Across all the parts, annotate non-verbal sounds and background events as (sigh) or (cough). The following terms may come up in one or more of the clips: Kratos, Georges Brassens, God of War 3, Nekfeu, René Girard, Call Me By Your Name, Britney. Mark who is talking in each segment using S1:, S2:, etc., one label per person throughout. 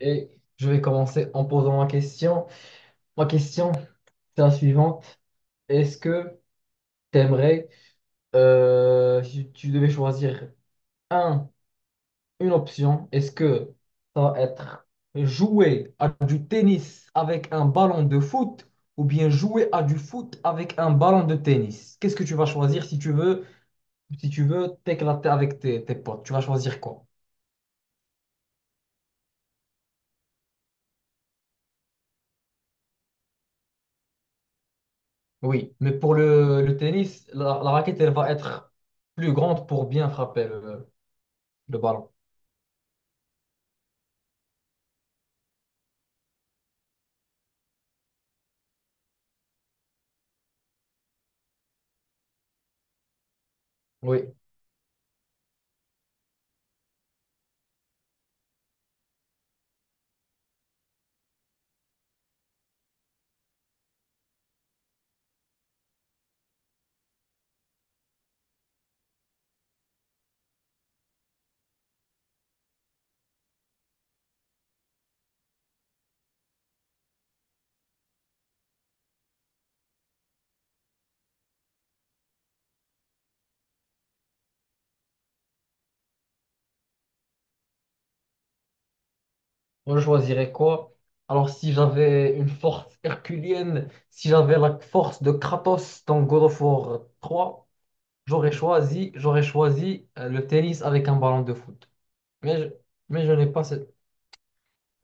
S1: Et je vais commencer en posant ma question. Ma question, c'est la suivante. Est-ce que t'aimerais, si tu devais choisir un, une option, est-ce que ça va être jouer à du tennis avec un ballon de foot ou bien jouer à du foot avec un ballon de tennis? Qu'est-ce que tu vas choisir si tu veux t'éclater avec tes potes? Tu vas choisir quoi? Oui, mais pour le tennis, la raquette, elle va être plus grande pour bien frapper le ballon. Oui, moi je choisirais quoi? Alors si j'avais une force herculienne, si j'avais la force de Kratos dans God of War 3, j'aurais choisi le tennis avec un ballon de foot. Mais je, mais je n'ai pas cette...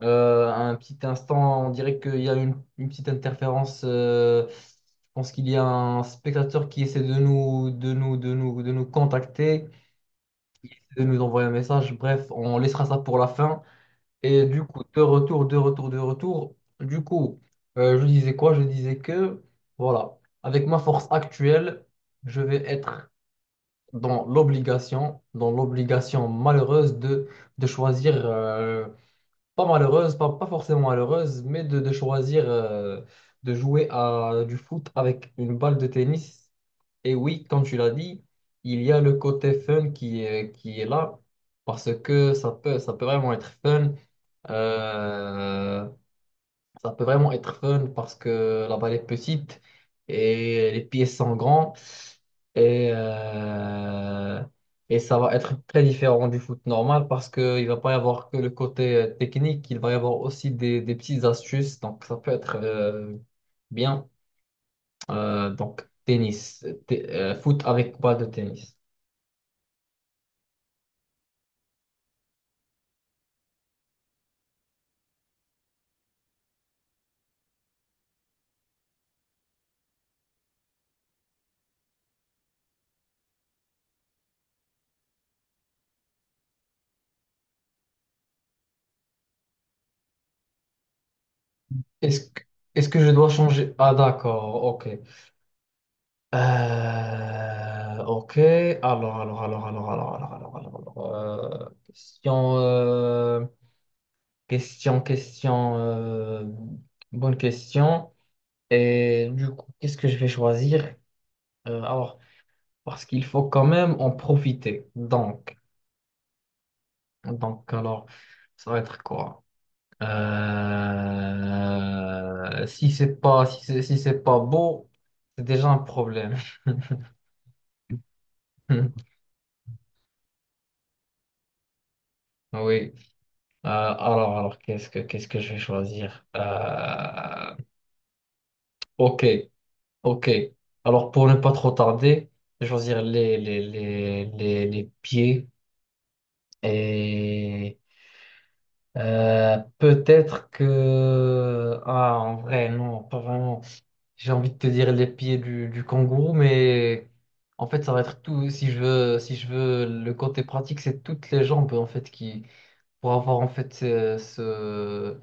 S1: Un petit instant, on dirait qu'il y a une petite interférence. Je pense qu'il y a un spectateur qui essaie de de nous contacter, qui essaie de nous envoyer un message. Bref, on laissera ça pour la fin. Et du coup, de retour. Du coup, je disais quoi? Je disais voilà, avec ma force actuelle, je vais être dans l'obligation malheureuse de choisir, pas malheureuse, pas forcément malheureuse, mais de choisir de jouer à du foot avec une balle de tennis. Et oui, comme tu l'as dit, il y a le côté fun qui est là, parce que ça peut vraiment être fun. Euh, Ça peut vraiment être fun parce que la balle est petite et les pieds sont grands et, euh, et ça va être très différent du foot normal parce qu'il ne va pas y avoir que le côté technique, il va y avoir aussi des petites astuces, donc ça peut être bien. Donc foot avec balle de tennis. Est-ce que, est-ce que je dois changer? Ah d'accord, ok. Ok, alors, question, question, euh, bonne question. Et du coup, qu'est-ce que je vais choisir? Alors, parce qu'il faut quand même en profiter. Donc alors, ça va être quoi? Si c'est pas, si c'est pas beau, c'est déjà un problème. (laughs) Oui. Alors, qu'est-ce que je vais choisir? Ok, ok. Alors, pour ne pas trop tarder, je vais choisir les pieds et peut-être que ah en vrai non, pas vraiment. J'ai envie de te dire les pieds du kangourou, mais en fait, ça va être tout. Si je veux le côté pratique, c'est toutes les jambes en fait qui pour avoir en fait ce, ce,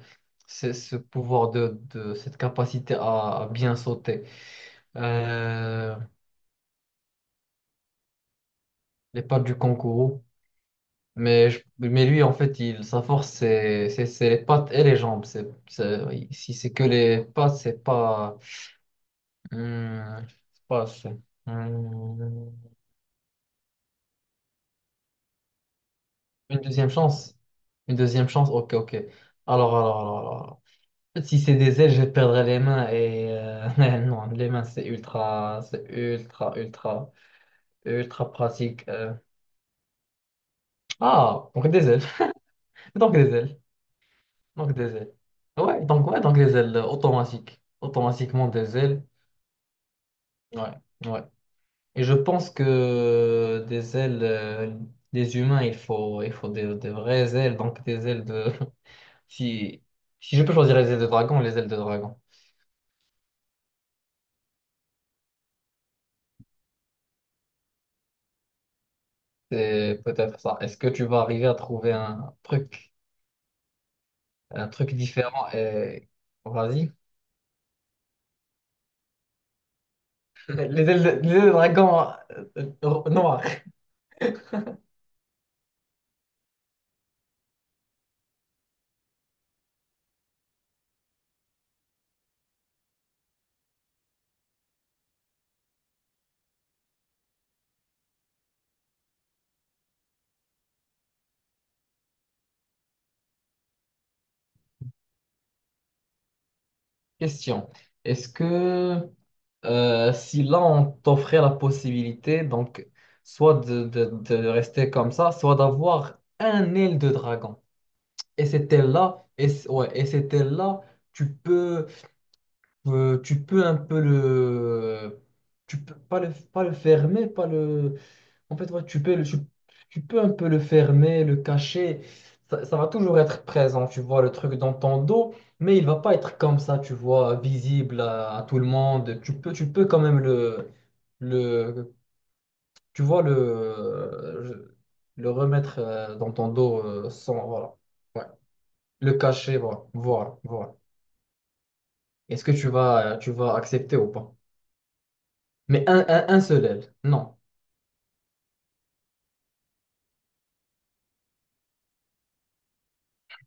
S1: ce- ce pouvoir de cette capacité à bien sauter. Euh, les pattes du kangourou. Mais lui, en fait, sa force, c'est les pattes et les jambes. Si c'est que les pattes, c'est pas. Hmm, c'est pas assez. Hmm, une deuxième chance. Une deuxième chance. Ok, ok. Alors. Si c'est des ailes, je perdrais les mains et (laughs) non, les mains c'est ultra pratique. Ah, donc des ailes, (laughs) donc des ailes, donc des ailes. Ouais, donc les ailes automatiquement des ailes. Ouais, ouais. Et je pense que des ailes, des humains, il faut des vraies ailes, donc des ailes de. (laughs) Si, si je peux choisir les ailes de dragon, c'est peut-être ça. Est-ce que tu vas arriver à trouver un truc? Un truc différent. Vas-y. (laughs) Les ailes de dragon noir. Question. Est-ce que si là on t'offrait la possibilité, donc soit de rester comme ça, soit d'avoir un aile de dragon. Et cette aile-là, tu peux, tu peux un peu tu peux pas pas le fermer, pas le, en fait, ouais, tu peux un peu le fermer, le cacher. Ça va toujours être présent, tu vois, le truc dans ton dos, mais il va pas être comme ça, tu vois, visible à tout le monde. Tu peux quand même le, tu vois, le remettre dans ton dos sans, voilà. Ouais. Le cacher, voilà, voilà, voilà. Est-ce que tu vas accepter ou pas? Mais un seul aile, non.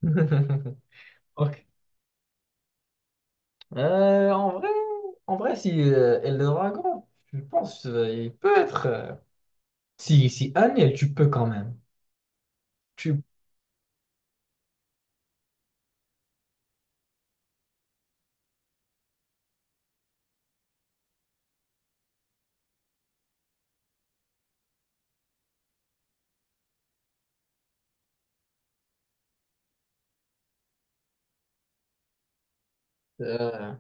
S1: (laughs) Ok. Euh, en vrai, en vrai, si Eldragon, je pense il peut être. Si si Aniel, tu peux quand même. Tu, euh,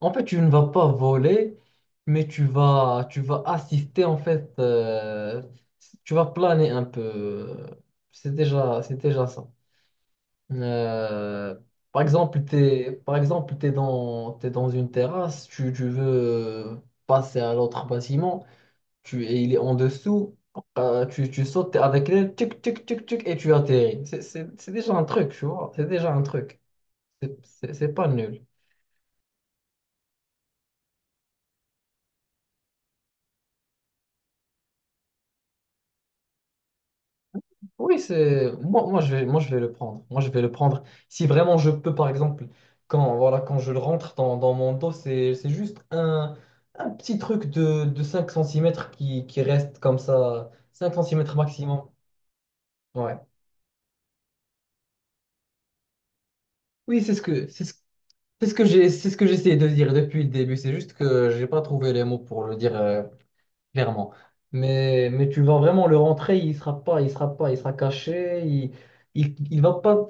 S1: en fait, tu ne vas pas voler, mais tu vas assister en fait. Tu vas planer un peu. C'est déjà ça. Euh, par exemple, t'es par exemple t'es dans une terrasse, tu veux passer à l'autre bâtiment. Et il est en dessous, tu sautes t'es avec l'aile, tic, tic, tic, tic, et tu atterris. C'est déjà un truc, tu vois. C'est déjà un truc. C'est pas nul. Oui, c'est moi, je vais le prendre. Moi, je vais le prendre. Si vraiment je peux, par exemple, quand, voilà, quand je le rentre dans mon dos, c'est juste un petit truc de 5 centimètres qui reste comme ça, 5 centimètres maximum. Ouais. Oui, c'est ce que, c'est ce c'est ce que j'ai, c'est ce que j'essayais de dire depuis le début. C'est juste que j'ai pas trouvé les mots pour le dire clairement. Mais tu vas vraiment le rentrer, il sera pas, il sera caché, il va pas,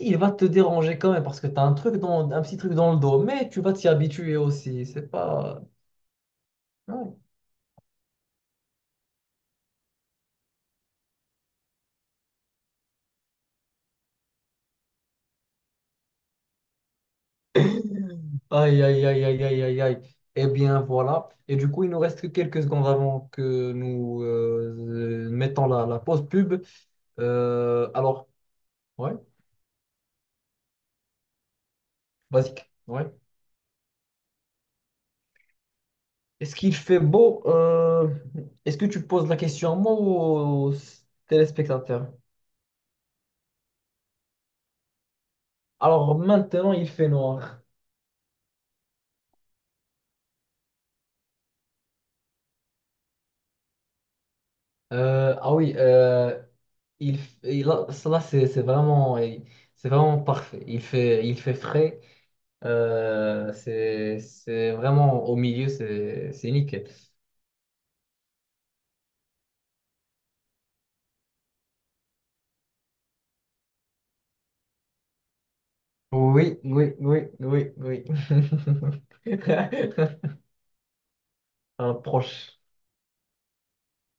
S1: il va te déranger quand même parce que tu as un truc dans, un petit truc dans le dos. Mais tu vas t'y habituer aussi. C'est pas. Non. Aïe aïe aïe aïe aïe aïe aïe. Eh bien voilà. Et du coup, il nous reste que quelques secondes avant que nous mettons la pause pub. Euh, alors, ouais, basique. Ouais. Est-ce qu'il fait beau? Est-ce que tu poses la question à moi ou aux téléspectateurs? Alors maintenant, il fait noir. Ah oui, il, là, là, c'est vraiment parfait. Il fait frais. C'est vraiment au milieu, c'est nickel. Oui, oui, oui, oui, oui. (laughs) On approche.